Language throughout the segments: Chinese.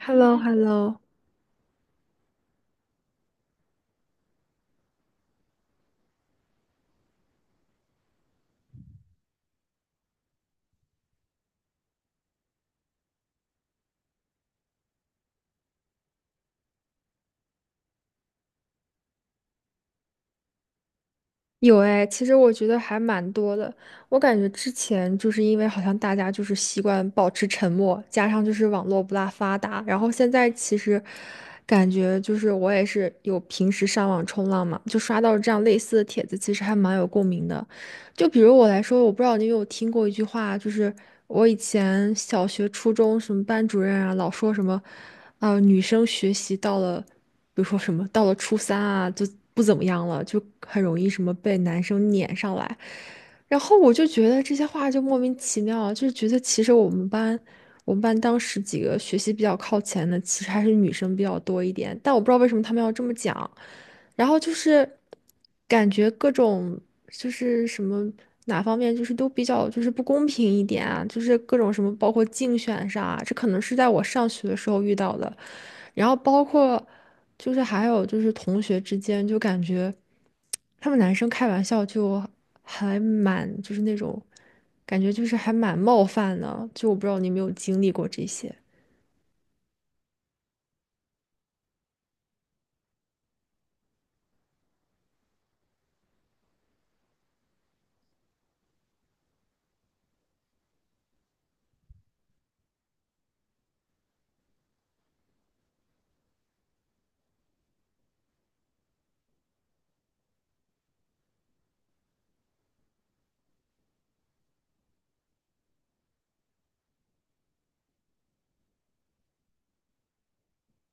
h e l l o h e l l o 有哎，其实我觉得还蛮多的。我感觉之前就是因为好像大家就是习惯保持沉默，加上就是网络不大发达，然后现在其实感觉就是我也是有平时上网冲浪嘛，就刷到这样类似的帖子，其实还蛮有共鸣的。就比如我来说，我不知道你有没有听过一句话，就是我以前小学、初中什么班主任啊，老说什么，啊、女生学习到了。比如说什么到了初三啊，就不怎么样了，就很容易什么被男生撵上来。然后我就觉得这些话就莫名其妙啊，就是觉得其实我们班当时几个学习比较靠前的，其实还是女生比较多一点，但我不知道为什么他们要这么讲。然后就是感觉各种就是什么哪方面就是都比较就是不公平一点啊，就是各种什么包括竞选上啊，这可能是在我上学的时候遇到的，然后包括就是还有就是同学之间就感觉他们男生开玩笑就还蛮就是那种感觉就是还蛮冒犯的，就我不知道你有没有经历过这些。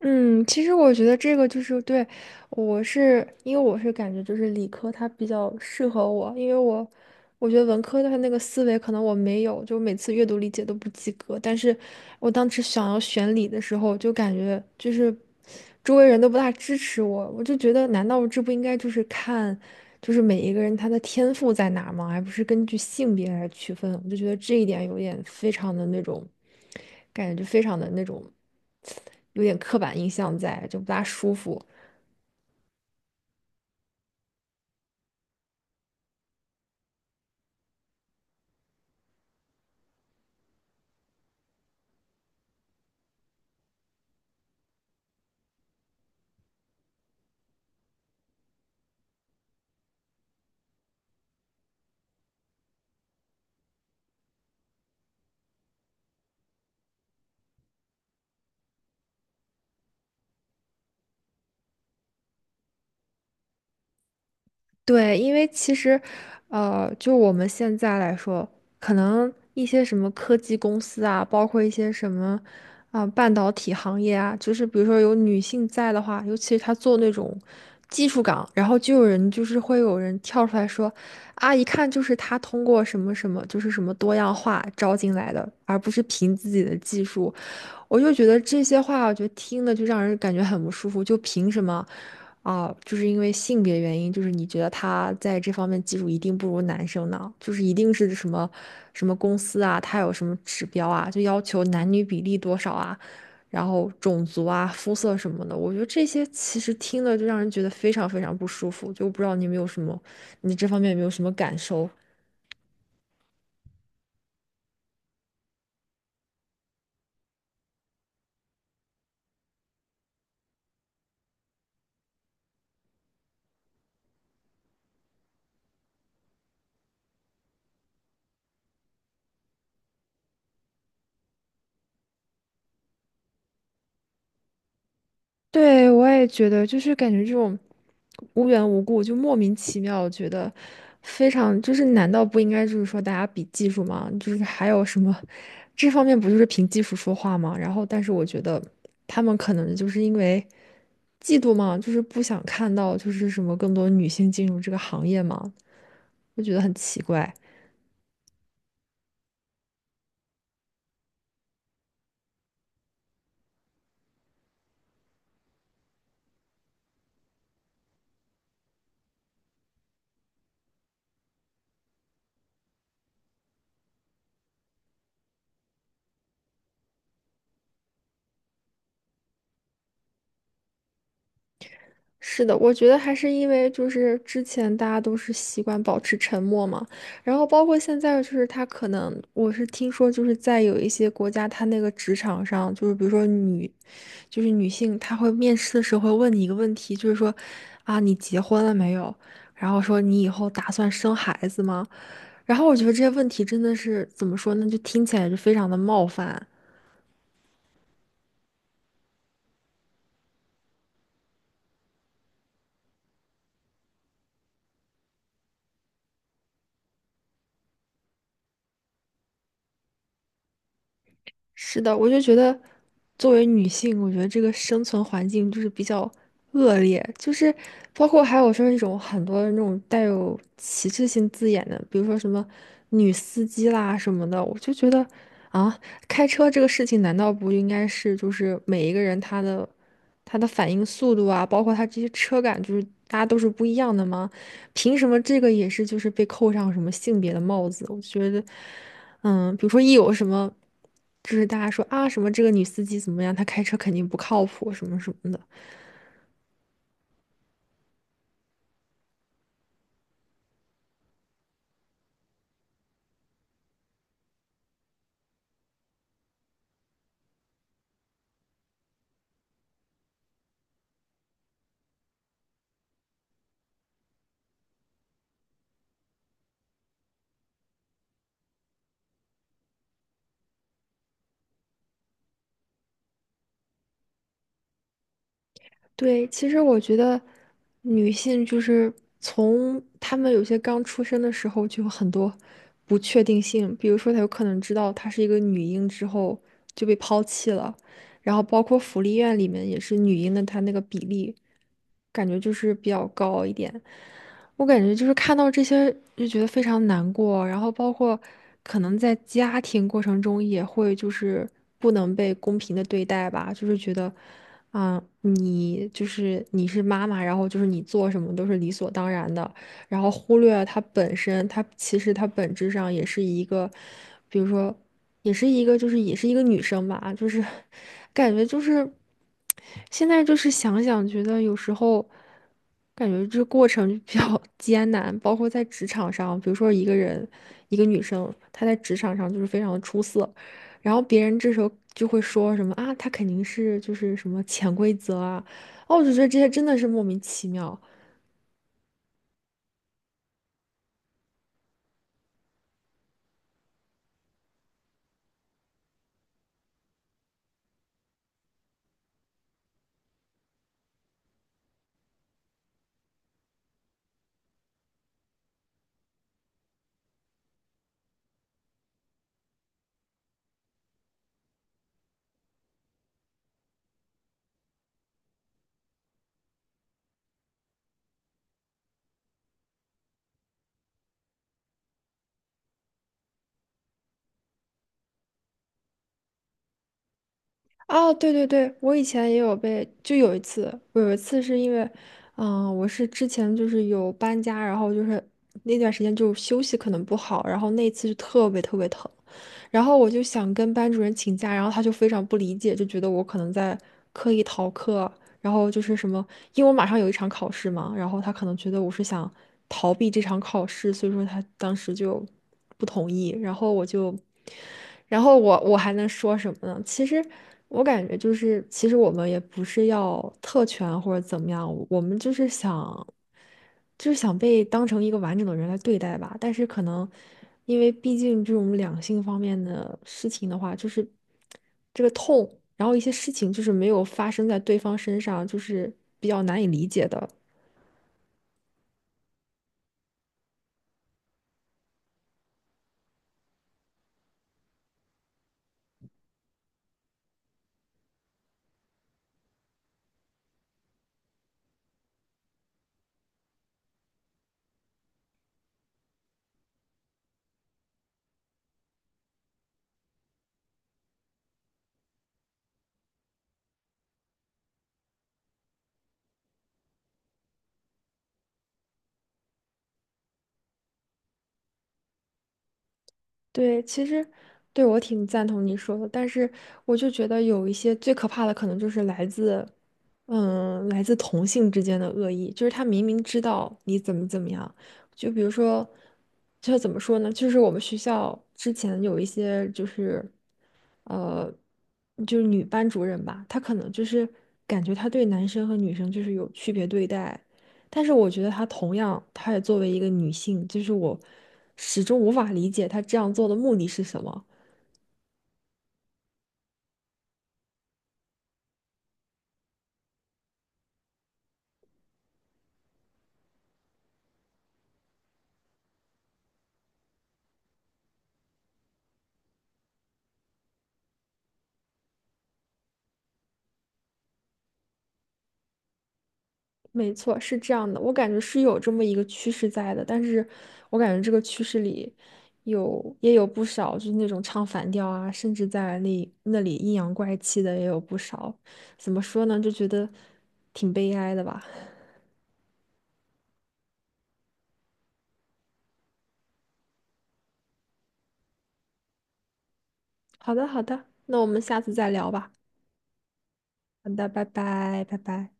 嗯，其实我觉得这个就是对，我感觉就是理科它比较适合我，因为我觉得文科它那个思维可能我没有，就每次阅读理解都不及格。但是我当时想要选理的时候，就感觉就是周围人都不大支持我，我就觉得难道这不应该就是看就是每一个人他的天赋在哪吗？而不是根据性别来区分？我就觉得这一点有点非常的那种感觉，就非常的那种有点刻板印象在，就不大舒服。对，因为其实，就我们现在来说，可能一些什么科技公司啊，包括一些什么，啊、半导体行业啊，就是比如说有女性在的话，尤其是她做那种技术岗，然后就有人就是会有人跳出来说，啊，一看就是她通过什么什么，就是什么多样化招进来的，而不是凭自己的技术。我就觉得这些话，我觉得听的就让人感觉很不舒服。就凭什么啊？就是因为性别原因，就是你觉得他在这方面技术一定不如男生呢？就是一定是什么什么公司啊，他有什么指标啊，就要求男女比例多少啊，然后种族啊、肤色什么的。我觉得这些其实听了就让人觉得非常非常不舒服。就不知道你有没有什么，你这方面有没有什么感受？对，我也觉得，就是感觉这种无缘无故就莫名其妙，我觉得非常就是，难道不应该就是说大家比技术吗？就是还有什么这方面不就是凭技术说话吗？然后，但是我觉得他们可能就是因为嫉妒嘛，就是不想看到就是什么更多女性进入这个行业嘛，就觉得很奇怪。是的，我觉得还是因为就是之前大家都是习惯保持沉默嘛，然后包括现在就是他可能我是听说就是在有一些国家，他那个职场上就是比如说女，就是女性，她会面试的时候会问你一个问题，就是说啊你结婚了没有？然后说你以后打算生孩子吗？然后我觉得这些问题真的是怎么说呢，就听起来就非常的冒犯。是的，我就觉得，作为女性，我觉得这个生存环境就是比较恶劣，就是包括还有说那种很多那种带有歧视性字眼的，比如说什么女司机啦什么的，我就觉得啊，开车这个事情难道不应该是就是每一个人他的反应速度啊，包括他这些车感，就是大家都是不一样的吗？凭什么这个也是就是被扣上什么性别的帽子？我觉得。嗯，比如说一有什么，就是大家说啊什么这个女司机怎么样，她开车肯定不靠谱什么什么的。对，其实我觉得女性就是从她们有些刚出生的时候就有很多不确定性，比如说她有可能知道她是一个女婴之后就被抛弃了，然后包括福利院里面也是女婴的，她那个比例感觉就是比较高一点。我感觉就是看到这些就觉得非常难过，然后包括可能在家庭过程中也会就是不能被公平的对待吧，就是觉得。啊，你就是你是妈妈，然后就是你做什么都是理所当然的，然后忽略了它本身，她其实她本质上也是一个，比如说，也是一个女生吧，就是感觉就是现在就是想想觉得有时候感觉这过程就比较 艰难，包括在职场上，比如说一个人一个女生她在职场上就是非常的出色。然后别人这时候就会说什么啊，他肯定是就是什么潜规则啊，哦，我就觉得这些真的是莫名其妙啊。对,我以前也有被，就有一次，是因为，我是之前就是有搬家，然后就是那段时间就休息可能不好，然后那一次就特别特别疼，然后我就想跟班主任请假，然后他就非常不理解，就觉得我可能在刻意逃课，然后就是什么，因为我马上有一场考试嘛，然后他可能觉得我是想逃避这场考试，所以说他当时就不同意。然后我就，然后我还能说什么呢？其实我感觉就是，其实我们也不是要特权或者怎么样，我们就是想。就是想被当成一个完整的人来对待吧。但是可能，因为毕竟这种两性方面的事情的话，就是这个痛，然后一些事情就是没有发生在对方身上，就是比较难以理解的。对，其实对我挺赞同你说的，但是我就觉得有一些最可怕的，可能就是来自，嗯，来自同性之间的恶意，就是他明明知道你怎么怎么样，就比如说，就怎么说呢？就是我们学校之前有一些就是，呃，就是女班主任吧，她可能就是感觉她对男生和女生就是有区别对待，但是我觉得她同样，她也作为一个女性，就是我始终无法理解她这样做的目的是什么。没错，是这样的，我感觉是有这么一个趋势在的，但是我感觉这个趋势里有也有不少，就是那种唱反调啊，甚至在那里阴阳怪气的也有不少。怎么说呢，就觉得挺悲哀的吧。好的，好的，那我们下次再聊吧。好的，拜拜，拜拜。